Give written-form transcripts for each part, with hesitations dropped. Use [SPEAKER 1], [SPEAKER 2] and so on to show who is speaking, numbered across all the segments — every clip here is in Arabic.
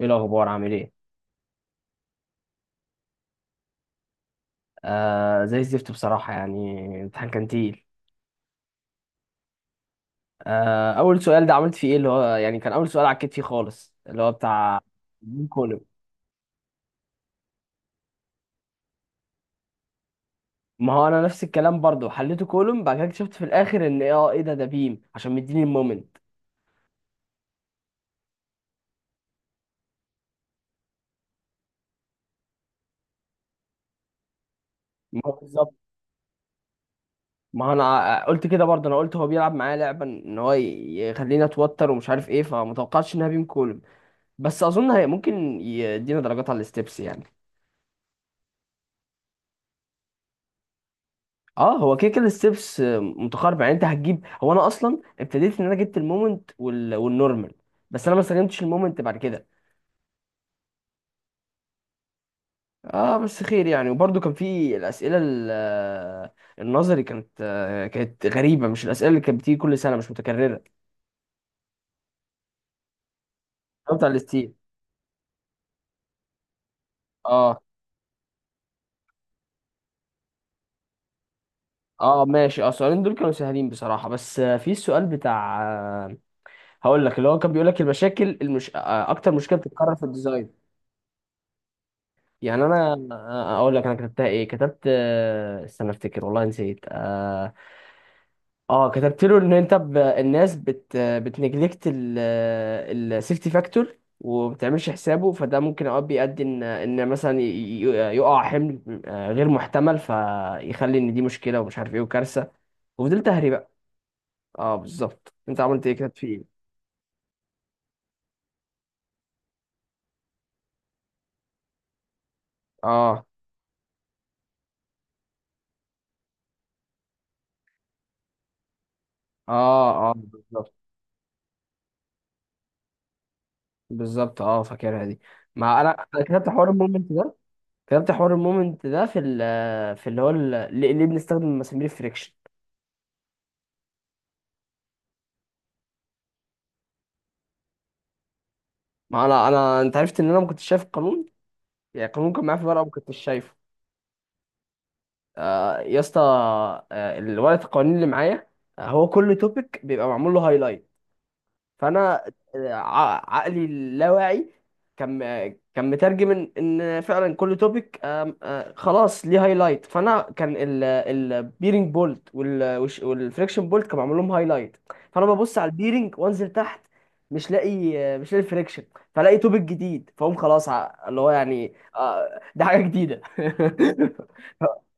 [SPEAKER 1] ايه الاخبار عامل ايه؟ آه زي الزفت بصراحه، الامتحان كان تقيل. آه اول سؤال ده عملت فيه ايه؟ اللي هو كان اول سؤال عكيت فيه خالص، اللي هو بتاع بيم كولوم. ما هو انا نفس الكلام برضو حليته كولوم، بعد كده اكتشفت في الاخر ان ايه ده بيم عشان مديني المومنت. ما هو بالظبط. ما هو انا قلت كده برضه، انا قلت هو بيلعب معايا لعبه ان هو يخليني اتوتر ومش عارف ايه، فمتوقعتش انها بيم كولوم. بس اظن هي ممكن يدينا درجات على الستبس يعني. اه هو كده كده الستبس متقاربه يعني، انت هتجيب هو انا اصلا ابتديت ان انا جبت المومنت والنورمال، بس انا ما استخدمتش المومنت بعد كده. اه بس خير يعني، وبرده كان في الاسئله النظري، كانت كانت غريبه، مش الاسئله اللي كانت بتيجي كل سنه، مش متكرره. السؤال بتاع الستيل. اه اه ماشي، اه السؤالين دول كانوا سهلين بصراحه، بس في السؤال بتاع هقول لك اللي هو كان بيقول لك المشاكل المش... آه، اكتر مشكله بتتكرر في الديزاين. يعني انا اقول لك انا كتبتها ايه، كتبت استنى افتكر، والله نسيت. اه كتبت له ان انت الناس بتنجلكت السيفتي فاكتور وما بتعملش حسابه، فده ممكن اوقات بيؤدي ان مثلا ي- ي- يقع حمل غير محتمل، فيخلي ان دي مشكله ومش عارف ايه وكارثه. وفضلت اهري بقى. اه بالظبط، انت عملت ايه؟ كتبت فيه ايه؟ اه اه اه بالظبط، بالظبط اه فاكرها دي. ما انا أنا كتبت حوار المومنت ده. فهمت حوار المومنت ده في في اللي هو ليه، ليه بنستخدم مسامير الفريكشن. ما انا انت عرفت ان انا ما كنتش شايف القانون، يعني القانون كان معايا في ورقه، ما كنتش شايفه. آه يا اسطى، آه الورقه القوانين اللي معايا، آه هو كل توبيك بيبقى معمول له هايلايت، فانا عقلي اللاواعي كان كان مترجم إن فعلا كل توبيك خلاص ليه هايلايت، فانا كان البيرنج بولت والفريكشن بولت كان معمول لهم هايلايت، فانا ببص على البيرنج وانزل تحت، مش لاقي مش لاقي الفريكشن، فلاقي توبيك جديد، فاقوم خلاص اللي هو ده حاجه جديده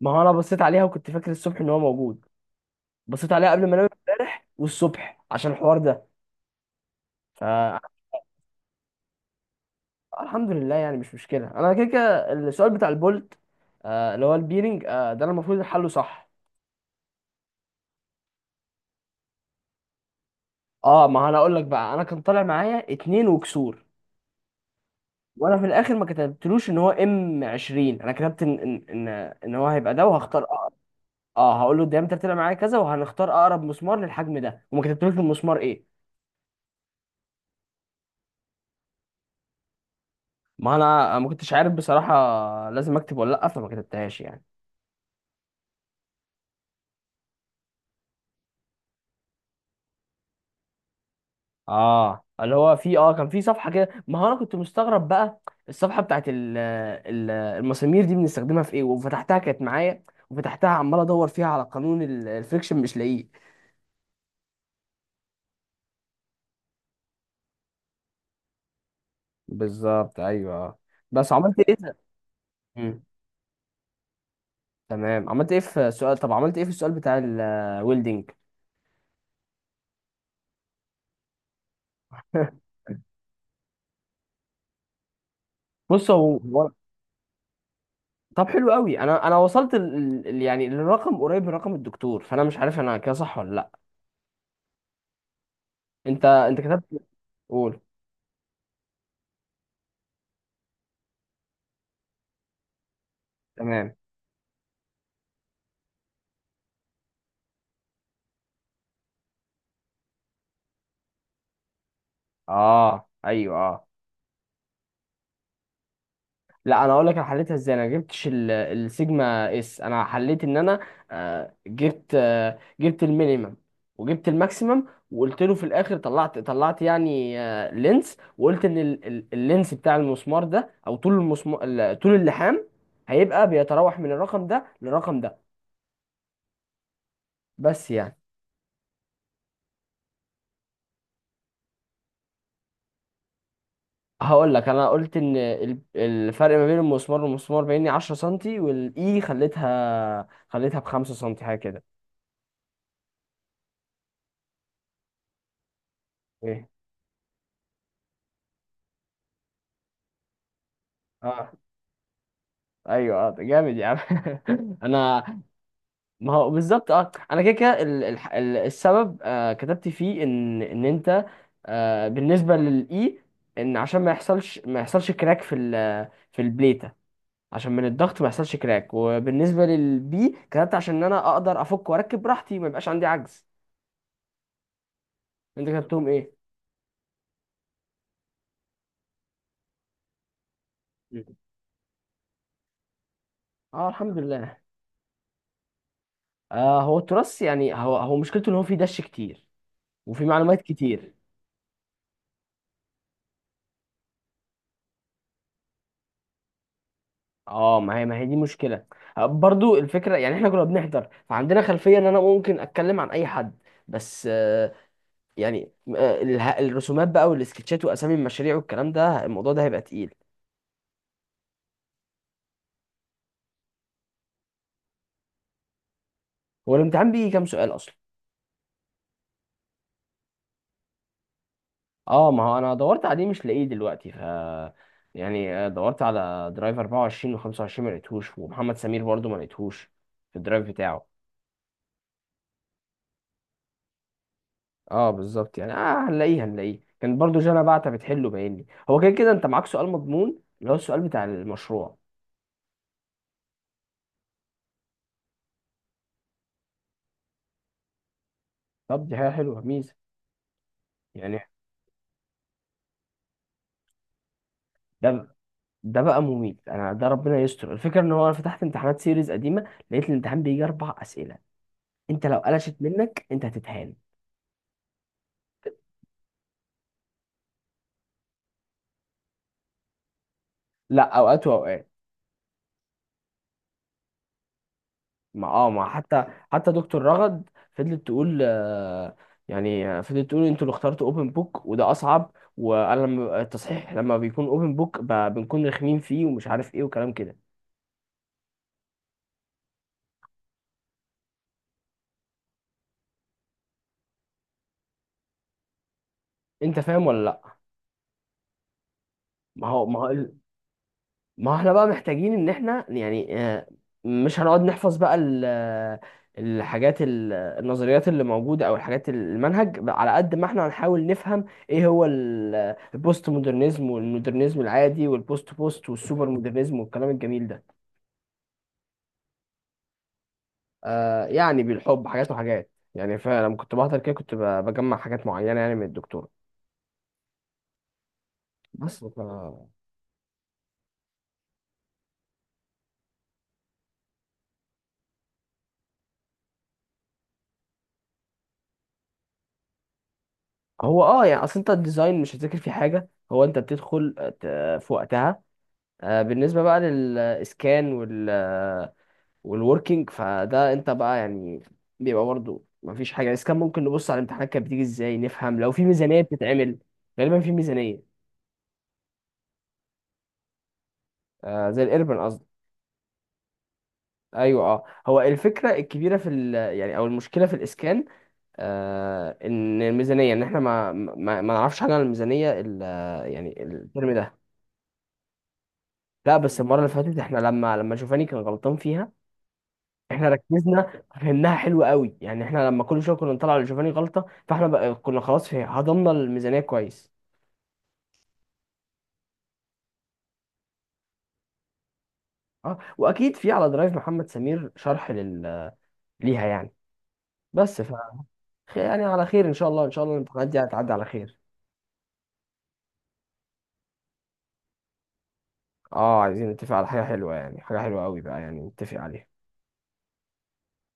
[SPEAKER 1] ما هو انا بصيت عليها وكنت فاكر الصبح ان هو موجود، بصيت عليها قبل ما انام امبارح والصبح عشان الحوار ده. الحمد لله يعني مش مشكله، انا كده كده السؤال بتاع البولت، آه اللي هو البيرنج آه، ده انا المفروض حله صح. اه ما انا اقول لك بقى، انا كان طالع معايا اتنين وكسور، وانا في الاخر ما كتبتلوش ان هو ام 20، انا كتبت ان ان إن هو هيبقى ده وهختار أقرب. اه هقول له الديامتر طلع معايا كذا وهنختار اقرب مسمار للحجم ده، وما كتبتلوش المسمار ايه. ما انا ما كنتش عارف بصراحه لازم اكتب ولا لا، فما كتبتهاش يعني. اه اللي هو في اه كان في صفحه كده، ما هو انا كنت مستغرب بقى الصفحه بتاعت ال المسامير دي بنستخدمها في ايه، وفتحتها كانت معايا، وفتحتها عمال ادور فيها على قانون الفريكشن مش لاقيه. بالظبط ايوه آه. بس عملت ايه ده؟ مم. تمام، عملت ايه في السؤال؟ طب عملت ايه في السؤال بتاع الويلدنج؟ بص هو طب حلو قوي، انا وصلت يعني للرقم قريب من رقم الدكتور، فانا مش عارف انا كده صح ولا لا. انت انت كتبت؟ قول. تمام. اه ايوه اه. لا انا اقول لك انا حليتها ازاي، انا جبتش السيجما اس، انا حليت ان انا جبت جبت المينيمم وجبت الماكسيمم، وقلت له في الاخر طلعت يعني لينس، وقلت ان اللينس بتاع المسمار ده او طول المسمار طول اللحام هيبقى بيتراوح من الرقم ده للرقم ده. بس يعني هقول لك انا قلت ان الفرق ما بين المسمار والمسمار بيني 10 سنتي، والاي خليتها ب 5 سنتي حاجه كده. ايه؟ اه ايوه جامد يا عم انا. ما هو بالظبط، اه انا كده كده السبب آه كتبت فيه ان انت بالنسبه للاي ان عشان ما يحصلش، ما يحصلش كراك في في البليته، عشان من الضغط ما يحصلش كراك، وبالنسبه للبي كتبت عشان ان انا اقدر افك واركب براحتي، ما يبقاش عندي عجز. انت كتبتهم ايه؟ اه الحمد لله. آه هو التراث يعني، هو هو مشكلته ان هو فيه دش كتير وفي معلومات كتير. اه ما هي، ما هي دي مشكله. برضو الفكره يعني احنا كنا بنحضر فعندنا خلفيه ان انا ممكن اتكلم عن اي حد، بس يعني الرسومات بقى والسكتشات واسامي المشاريع والكلام ده، الموضوع ده هيبقى تقيل. هو الامتحان بيجي كام سؤال اصلا؟ اه ما هو انا دورت عليه مش لاقيه دلوقتي، ف يعني دورت على درايف 24 و25، ما لقيتهوش، ومحمد سمير برضو ما لقيتهوش في الدرايف بتاعه. اه بالظبط يعني، اه هنلاقيه هنلاقيه، كان برضو جانا بعتة بتحله، باينني هو كده كده انت معاك سؤال مضمون، اللي هو السؤال بتاع المشروع. طب دي حاجة حلوة، ميزة. يعني ده ده بقى مميت انا، ده ربنا يستر، الفكرة ان هو انا فتحت امتحانات سيريز قديمة، لقيت الامتحان بيجي اربع اسئلة، انت لو قلشت منك انت هتتهان. لا اوقات واوقات. ما اه ما حتى، حتى دكتور رغد فضلت تقول فضلت تقول انتوا اللي اخترتوا اوبن بوك وده اصعب، وانا لما التصحيح لما بيكون اوبن بوك بنكون رخمين فيه ومش عارف ايه وكلام كده. انت فاهم ولا لا؟ ما هو ما هو ما احنا بقى محتاجين ان احنا يعني مش هنقعد نحفظ بقى الحاجات النظريات اللي موجودة او الحاجات المنهج، على قد ما احنا هنحاول نفهم ايه هو البوست مودرنزم والمودرنزم العادي والبوست بوست والسوبر مودرنزم والكلام الجميل ده. آه يعني بالحب حاجات وحاجات يعني، فلما كنت بحضر كده كنت بجمع حاجات معينة يعني من الدكتور. بس ف- هو اه يعني اصل انت الديزاين مش هتذاكر فيه حاجة، هو انت بتدخل في وقتها. بالنسبة بقى للإسكان والوركينج، فده أنت بقى يعني بيبقى برضه مفيش حاجة. الإسكان ممكن نبص على الامتحانات كانت بتيجي إزاي، نفهم لو في ميزانية بتتعمل. غالبا في ميزانية. زي الإيربن قصدي. أيوه أه هو الفكرة الكبيرة في يعني أو المشكلة في الإسكان إن الميزانية، إن إحنا ما نعرفش حاجة عن الميزانية يعني الترم ده. لا بس المرة اللي فاتت إحنا لما شوفاني كان غلطان فيها، احنا ركزنا فهمناها حلو قوي يعني، احنا لما كل شويه كنا نطلع لجوفاني غلطه، فاحنا بقى كنا خلاص في هضمنا الميزانيه كويس. اه واكيد في على درايف محمد سمير شرح ليها يعني. بس ف يعني على خير ان شاء الله، ان شاء الله الامتحانات دي هتعدي على خير. اه عايزين نتفق على حاجه حلوه، يعني حاجه حلوه قوي بقى يعني نتفق عليها.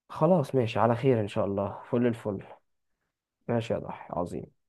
[SPEAKER 1] خلاص ماشي، على خير ان شاء الله، فل الفل. ماشي يا ضحى، عظيم.